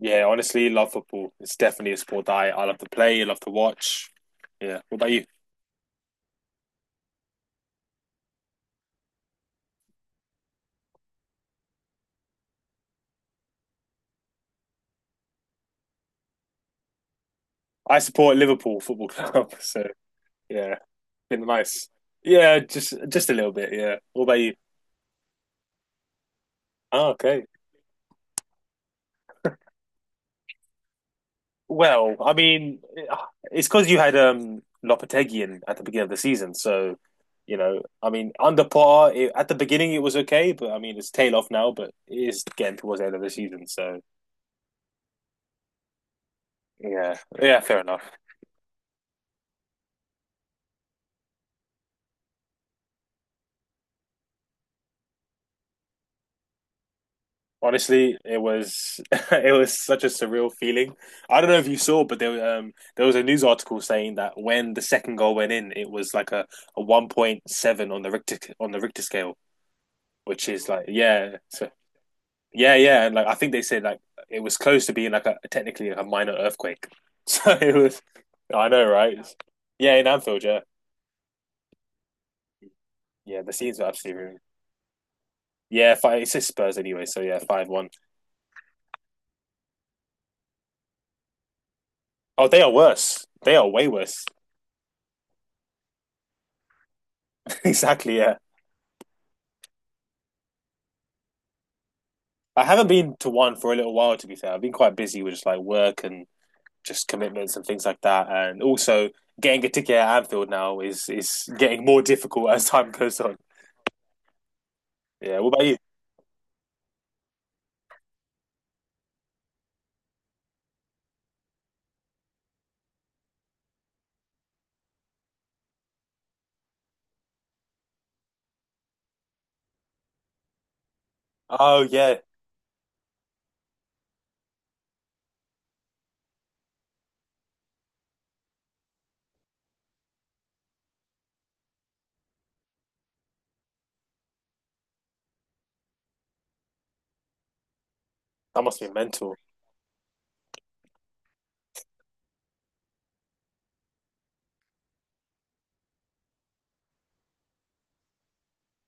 Yeah, honestly, love football. It's definitely a sport that I love to play, I love to watch. Yeah. What about you? I support Liverpool Football Club, so yeah, been nice. Yeah, just a little bit, yeah. What about you? Oh, okay. Well, I mean, eh, it's because you had Lopetegui in at the beginning of the season, so you know, I mean, under par it, at the beginning it was okay, but I mean, it's tail off now, but it is getting towards the end of the season, so yeah, yeah, fair enough. Honestly, it was it was such a surreal feeling. I don't know if you saw, but there was a news article saying that when the second goal went in, it was like a 1.7 on the Richter scale, which is like yeah, so yeah, yeah, and like I think they said like it was close to being like a technically a minor earthquake. So it was, I know, right? Yeah, in Anfield, yeah, yeah, the scenes were absolutely ruined. Yeah, five, it's just Spurs anyway, so yeah, 5-1. Oh, they are worse. They are way worse. Exactly, yeah. I haven't been to one for a little while, to be fair. I've been quite busy with just like work and just commitments and things like that. And also getting a ticket at Anfield now is getting more difficult as time goes on. Yeah. What about you? Oh yeah, that must be mental.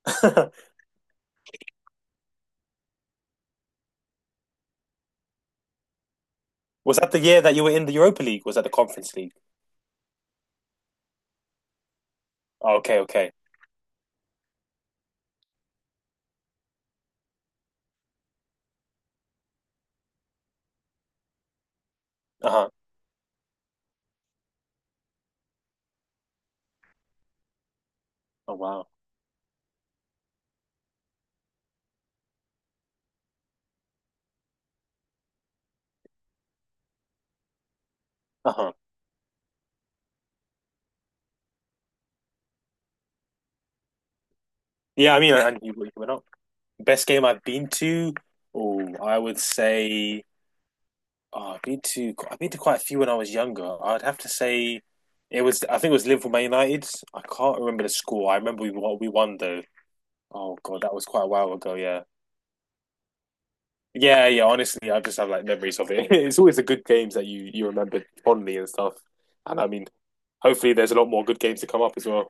Was that the year that you were in the Europa League? Was that the Conference League? Oh, okay, okay. Uh-huh. Oh wow. Uh-huh. Yeah, I mean, and you went up. Best game I've been to. Oh, I would say oh, I've been to quite a few when I was younger. I'd have to say it was I think it was Liverpool Man United. I can't remember the score. I remember we what we won though. Oh God, that was quite a while ago. Yeah, yeah, yeah. Honestly, I just have like memories of it. It's always the good games that you remember fondly and stuff. And I mean, hopefully, there's a lot more good games to come up as well.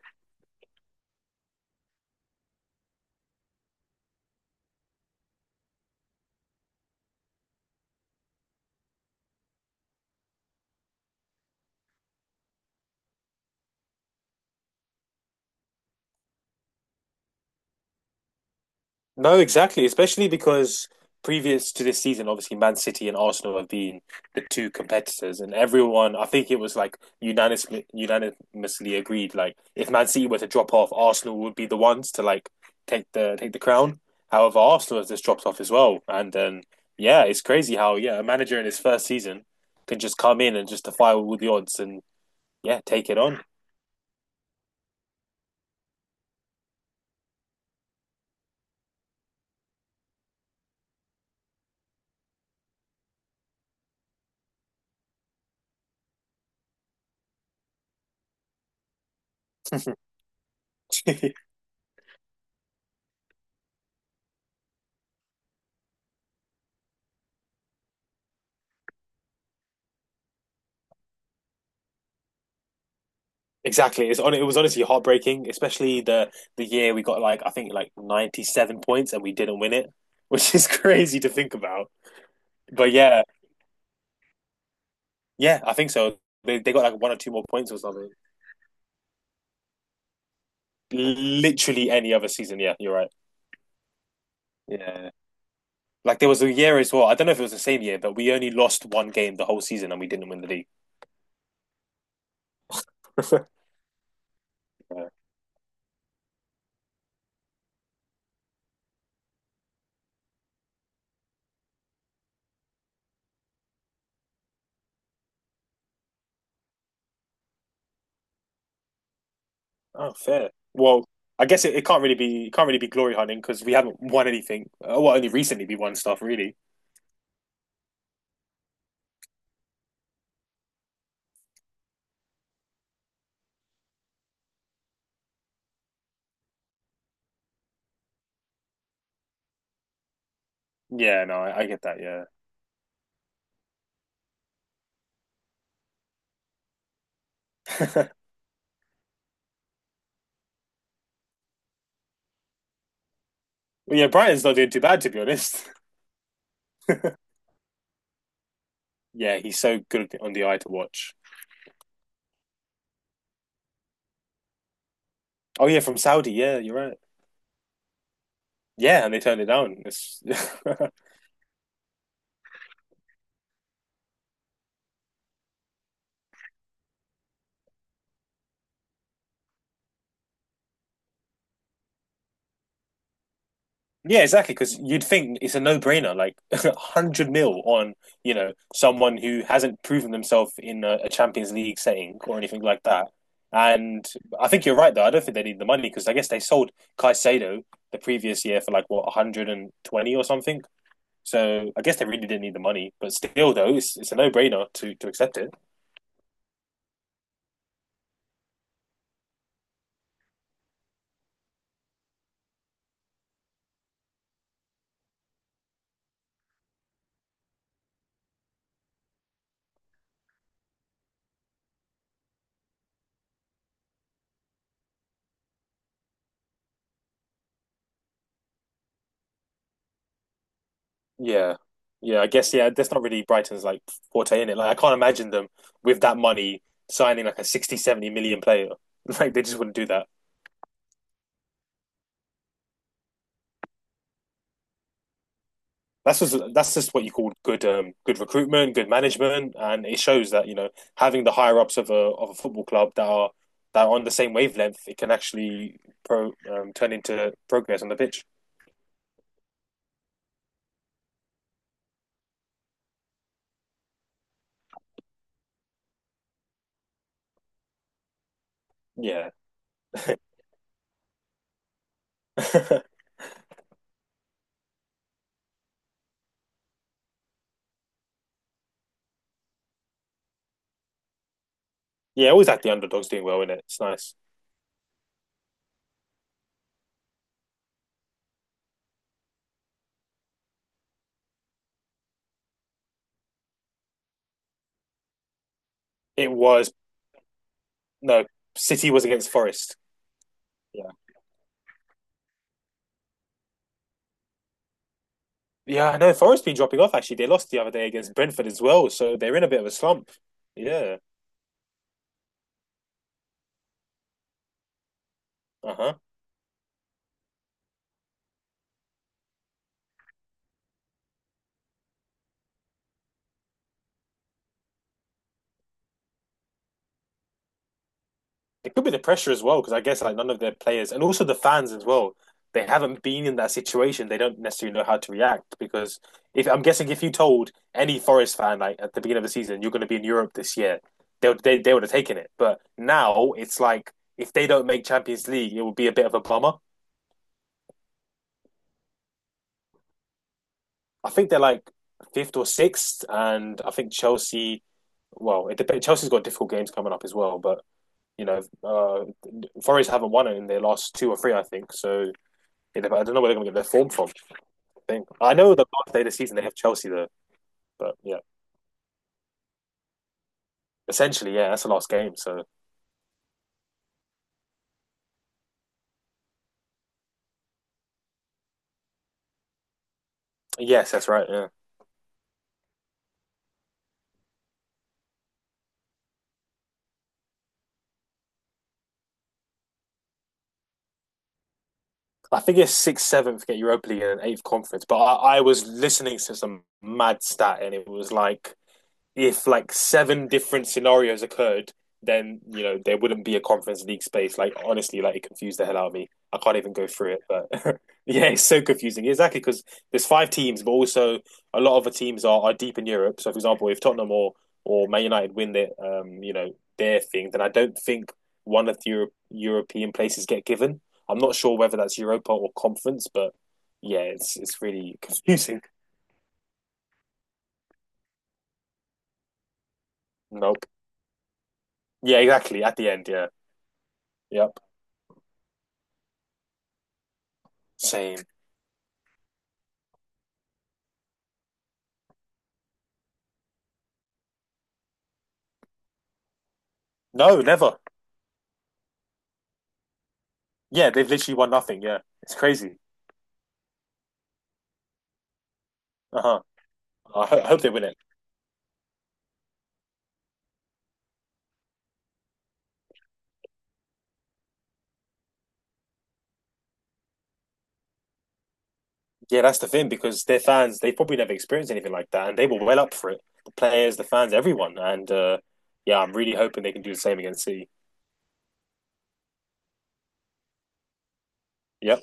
No, exactly. Especially because previous to this season, obviously Man City and Arsenal have been the two competitors, and everyone, I think it was like unanimously agreed, like if Man City were to drop off, Arsenal would be the ones to like take the crown. However, Arsenal has just dropped off as well, and yeah, it's crazy how yeah a manager in his first season can just come in and just defy all the odds and yeah take it on. Exactly. It's on. It was honestly heartbreaking, especially the year we got like I think like 97 points and we didn't win it, which is crazy to think about. But yeah, yeah, I think so. They got like one or two more points or something. Literally any other season. Yeah, you're right. Yeah, like there was a year as well. I don't know if it was the same year, but we only lost one game the whole season and we didn't win the league. Yeah. Oh, fair. Well, I guess it can't really be glory hunting because we haven't won anything. Well, only recently we won stuff really. Yeah, no, I get that. Yeah. Well, yeah, Brighton's not doing too bad to be honest. Yeah, he's so good on the eye to watch. Oh yeah, from Saudi. Yeah, you're right. Yeah, and they turned it down. It's... yeah, exactly. Because you'd think it's a no-brainer, like 100 mil on you know someone who hasn't proven themselves in a Champions League setting or anything like that. And I think you're right though. I don't think they need the money because I guess they sold Caicedo the previous year for like what 120 or something. So I guess they really didn't need the money, but still, though, it's a no-brainer to accept it. Yeah, yeah. I guess yeah. That's not really Brighton's like forte in it. Like I can't imagine them with that money signing like a 60, 70 million player. Like they just wouldn't do that. That's just what you call good good recruitment, good management, and it shows that you know having the higher ups of a football club that are on the same wavelength, it can actually pro turn into progress on the pitch. Yeah, yeah. Always like the underdogs doing well in it's nice. It was no, City was against Forest. Yeah, yeah, I know Forest been dropping off. Actually, they lost the other day against Brentford as well, so they're in a bit of a slump. Yeah, uh huh. It could be the pressure as well because I guess like none of their players and also the fans as well. They haven't been in that situation. They don't necessarily know how to react because if I'm guessing if you told any Forest fan like at the beginning of the season you're going to be in Europe this year, they would have taken it. But now it's like if they don't make Champions League, it would be a bit of a bummer. I think they're like fifth or sixth, and I think Chelsea. Well, it depends. Chelsea's got difficult games coming up as well, but you know, Forest haven't won it in their last two or three, I think. So I don't know where they're going to get their form from. I think I know the last day of the season they have Chelsea there, but yeah, essentially, yeah, that's the last game. So yes, that's right. Yeah, I think it's sixth, seventh get Europa League and eighth conference. But I was listening to some mad stat, and it was like if like seven different scenarios occurred, then you know there wouldn't be a conference league space. Like honestly, like it confused the hell out of me. I can't even go through it, but yeah, it's so confusing. Exactly because there's five teams, but also a lot of the teams are deep in Europe. So for example, if Tottenham or Man United win their you know their thing, then I don't think one of the Euro- European places get given. I'm not sure whether that's Europa or conference, but yeah, it's really confusing. Nope. Yeah, exactly. At the end, yeah, yep, same. No, never. Yeah, they've literally won nothing. Yeah, it's crazy. Uh huh. I ho- I hope they win it. Yeah, that's the thing because their fans, they probably never experienced anything like that, and they were well up for it. The players, the fans, everyone, and yeah, I'm really hoping they can do the same against City. Yeah.